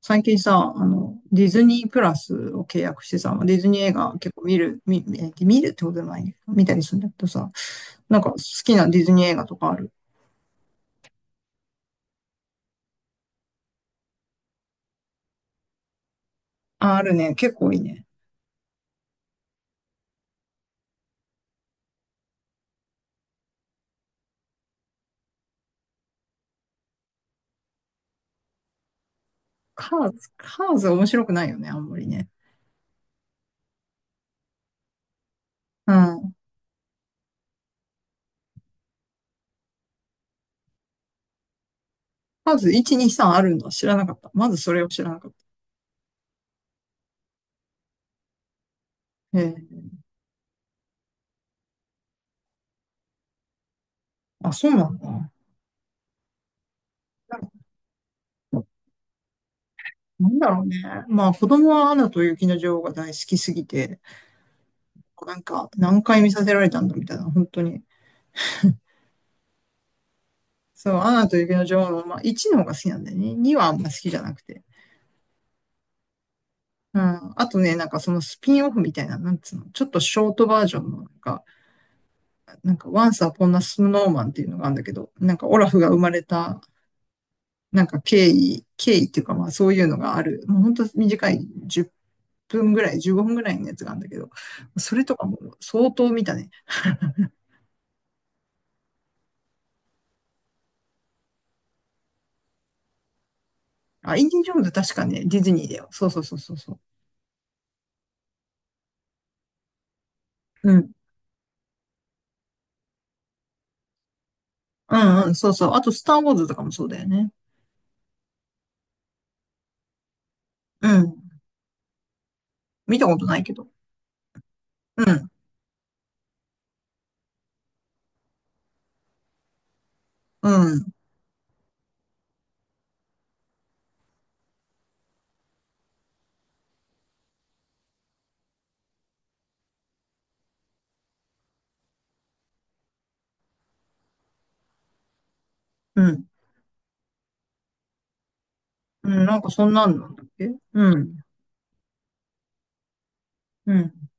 最近さ、ディズニープラスを契約してさ、ディズニー映画結構見るってことでもないね。見たりするんだけどさ、なんか好きなディズニー映画とかある？あ、あるね。結構いいね。カーズ面白くないよね、あんまりね。うん。カーズ1、2、3あるのは知らなかった。まずそれを知らなかった。ええ。あ、そうなんだ。なんかなんだろうね。まあ子供はアナと雪の女王が大好きすぎて、なんか何回見させられたんだみたいな、本当に。そう、アナと雪の女王の、まあ、1の方が好きなんだよね。2はあんま好きじゃなくて。うん。あとね、なんかそのスピンオフみたいな、なんつうの、ちょっとショートバージョンの、なんか、Once Upon a Snowman っていうのがあるんだけど、なんかオラフが生まれた、なんか経緯、経緯っていうかまあそういうのがある。もう本当短い10分ぐらい、15分ぐらいのやつがあるんだけど、それとかも相当見たね。あ、インディ・ジョーンズ確かね、ディズニーだよ。そうそうそうそうそう。うん。うんうん、そうそう。あと、スター・ウォーズとかもそうだよね。うん。見たことないけど。うん、うん、うん、うん。なんかそんなんなんだっけ。うん、うん、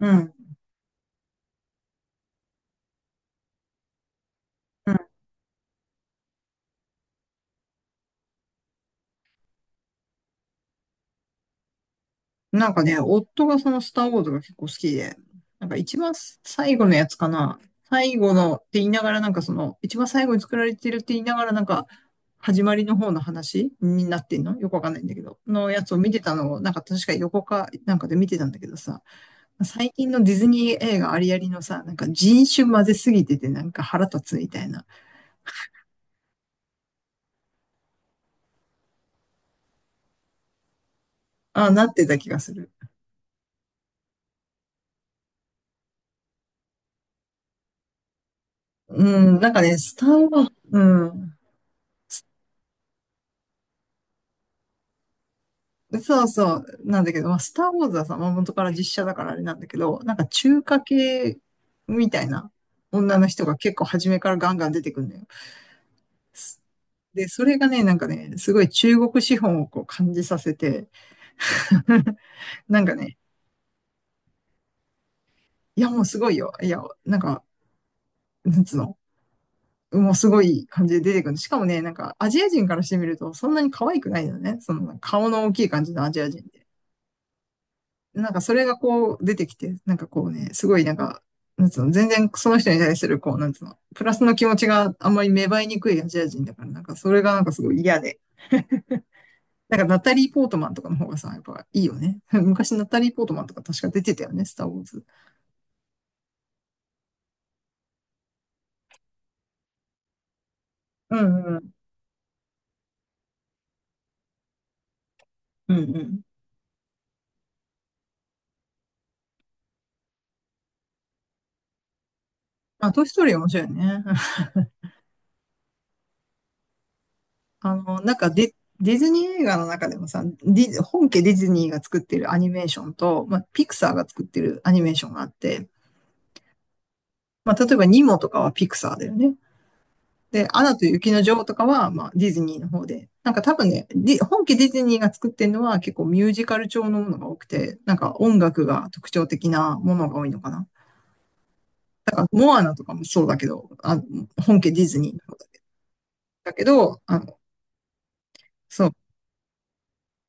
うん、うん。なんかね、夫がそのスターウォーズが結構好きで、なんか一番最後のやつかな。最後のって言いながらなんかその、一番最後に作られてるって言いながらなんか、始まりの方の話になってんのよくわかんないんだけど。のやつを見てたのを、なんか確か横かなんかで見てたんだけどさ、最近のディズニー映画ありありのさ、なんか人種混ぜすぎててなんか腹立つみたいな、ああ、なってた気がする。うん、なんかね、スターウォーズ、うん。そうそう、なんだけど、まあ、スターウォーズはさ、まあ、元から実写だからあれなんだけど、なんか中華系みたいな女の人が結構初めからガンガン出てくるんだよ。すで、それがね、なんかね、すごい中国資本をこう感じさせて、なんかね、いやもうすごいよ。いや、なんか、なんつうの。もうすごい感じで出てくる。しかもね、なんかアジア人からしてみるとそんなに可愛くないよね。その顔の大きい感じのアジア人。なんかそれがこう出てきて、なんかこうね、すごいなんか、なんつうの、全然その人に対するこう、なんつうの、プラスの気持ちがあんまり芽生えにくいアジア人だから、なんかそれがなんかすごい嫌で。なんかナタリー・ポートマンとかの方がさ、やっぱいいよね。昔ナタリー・ポートマンとか確か出てたよね、スター・ウォーズ。うんうん。うんうん。あ、トイ・ストーリー面白いね。あの、なんかディズニー映画の中でもさ、ディズ本家ディズニーが作ってるアニメーションと、まあ、ピクサーが作ってるアニメーションがあって、まあ、例えばニモとかはピクサーだよね。で、アナと雪の女王とかは、まあ、ディズニーの方で。なんか多分ね、本家ディズニーが作ってるのは結構ミュージカル調のものが多くて、なんか音楽が特徴的なものが多いのかな。モアナとかもそうだけど、本家ディズニーの方だけど、あの、そう。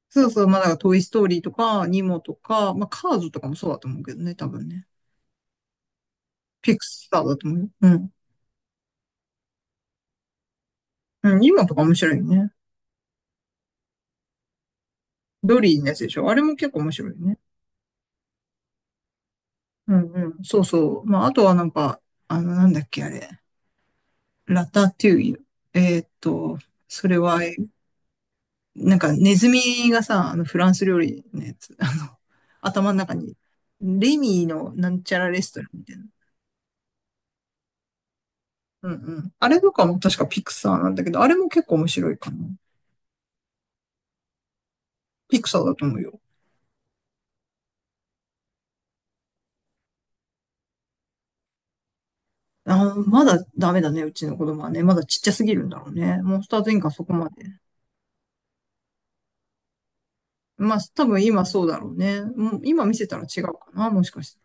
そうそう、まあ、だからトイ・ストーリーとか、ニモとか、まあ、カーズとかもそうだと思うけどね、多分ね。ピクサーだと思うよ。うん。うん、ニモとか面白いよね。ドリーのやつでしょ。あれも結構面白いよね。うんうん。そうそう。まあ、あとはなんか、あの、なんだっけ、あれ。ラタトゥイユ。えーっと、それは、なんかネズミがさ、あのフランス料理のやつ、あの、頭の中に、レミーのなんちゃらレストランみたいな。うんうん。あれとかも確かピクサーなんだけど、あれも結構面白いかな。ピクサーだと思うよ。あー、まだダメだね、うちの子供はね。まだちっちゃすぎるんだろうね。モンスターズインかそこまで。まあ、多分今そうだろうね。もう今見せたら違うかな、もしかして。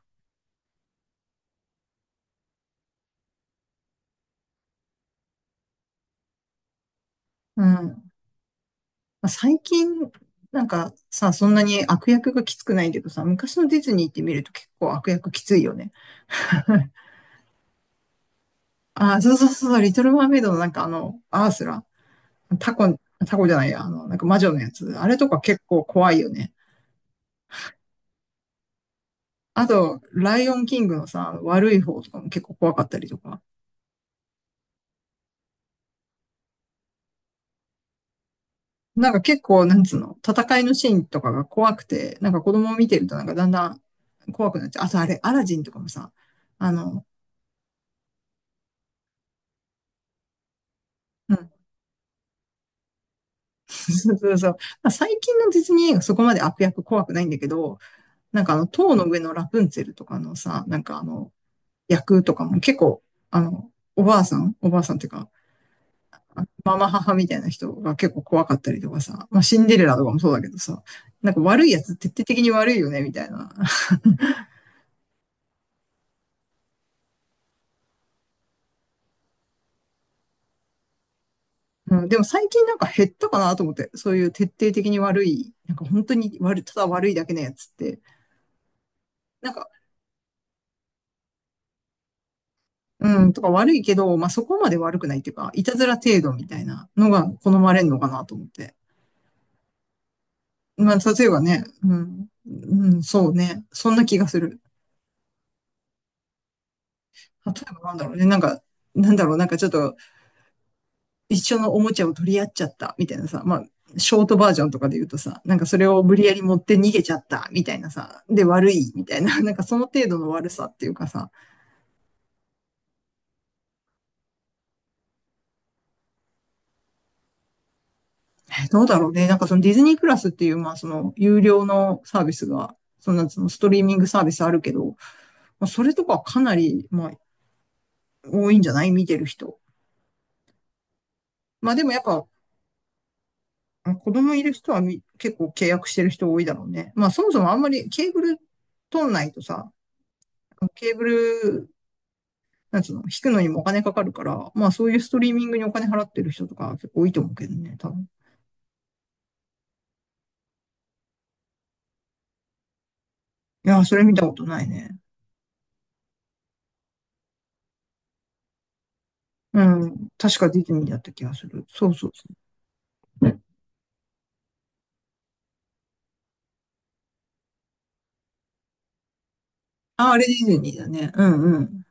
うん。まあ最近、なんかさ、そんなに悪役がきつくないけどさ、昔のディズニーって見ると結構悪役きついよね。あそうそうそう、リトルマーメイドのなんかあの、アースラ、タコ、タコじゃないや、あの、なんか魔女のやつ、あれとか結構怖いよね。あと、ライオンキングのさ、悪い方とかも結構怖かったりとか。なんか結構、なんつうの、戦いのシーンとかが怖くて、なんか子供を見てるとなんかだんだん怖くなっちゃう。あとあれ、アラジンとかもさ、あの、うんそうそうそう。まあ最近のディズニー映画そこまで悪役怖くないんだけど、なんかあの、塔の上のラプンツェルとかのさ、なんかあの、役とかも結構、あの、おばあさんおばあさんっていうか、ママ母みたいな人が結構怖かったりとかさ、まあシンデレラとかもそうだけどさ、なんか悪いやつ徹底的に悪いよね、みたいな。うん、でも最近なんか減ったかなと思って、そういう徹底的に悪い、なんか本当に悪い、ただ悪いだけのやつって、なんかうん、とか悪いけど、まあ、そこまで悪くないっていうか、いたずら程度みたいなのが好まれるのかなと思って。まあ、例えばね、うん、うん、そうね、そんな気がする。例えばなんだろうね、なんか、なんだろう、なんかちょっと一緒のおもちゃを取り合っちゃったみたいなさ、まあ、ショートバージョンとかで言うとさ、なんかそれを無理やり持って逃げちゃったみたいなさ、で悪いみたいな、なんかその程度の悪さっていうかさ、どうだろうね、なんかそのディズニープラスっていう、まあその有料のサービスが、そのストリーミングサービスあるけど、まあ、それとかはかなり、まあ、多いんじゃない見てる人。まあでもやっぱ、子供いる人は結構契約してる人多いだろうね。まあそもそもあんまりケーブル取んないとさ、ケーブル、なんつうの、引くのにもお金かかるから、まあそういうストリーミングにお金払ってる人とか結構多いと思うけどね、多分。いやー、それ見たことないね。うん。確かディズニーだった気がする。そうそうそう。あ、あれディズニーだね。うんうん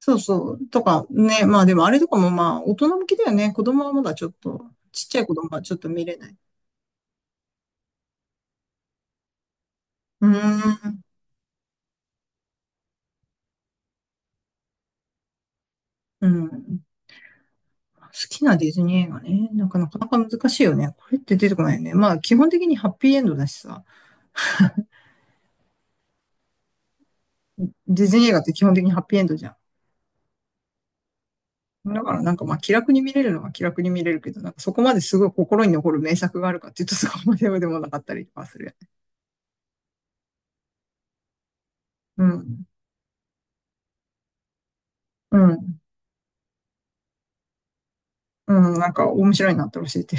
そうそう。とかね。まあでもあれとかもまあ大人向きだよね。子供はまだちょっと、ちっちゃい子供はちょっと見れない。うーん。うん。好きなディズニー映画ね。なんかなかなか難しいよね。これって出てこないよね。まあ基本的にハッピーエンドだしさ。ディズニー映画って基本的にハッピーエンドじゃん。だからなんかまあ気楽に見れるのは気楽に見れるけど、なんかそこまですごい心に残る名作があるかっていうとそこまででもなかったりとかするよね。うん。うん。うん。なんか面白いなって教えて。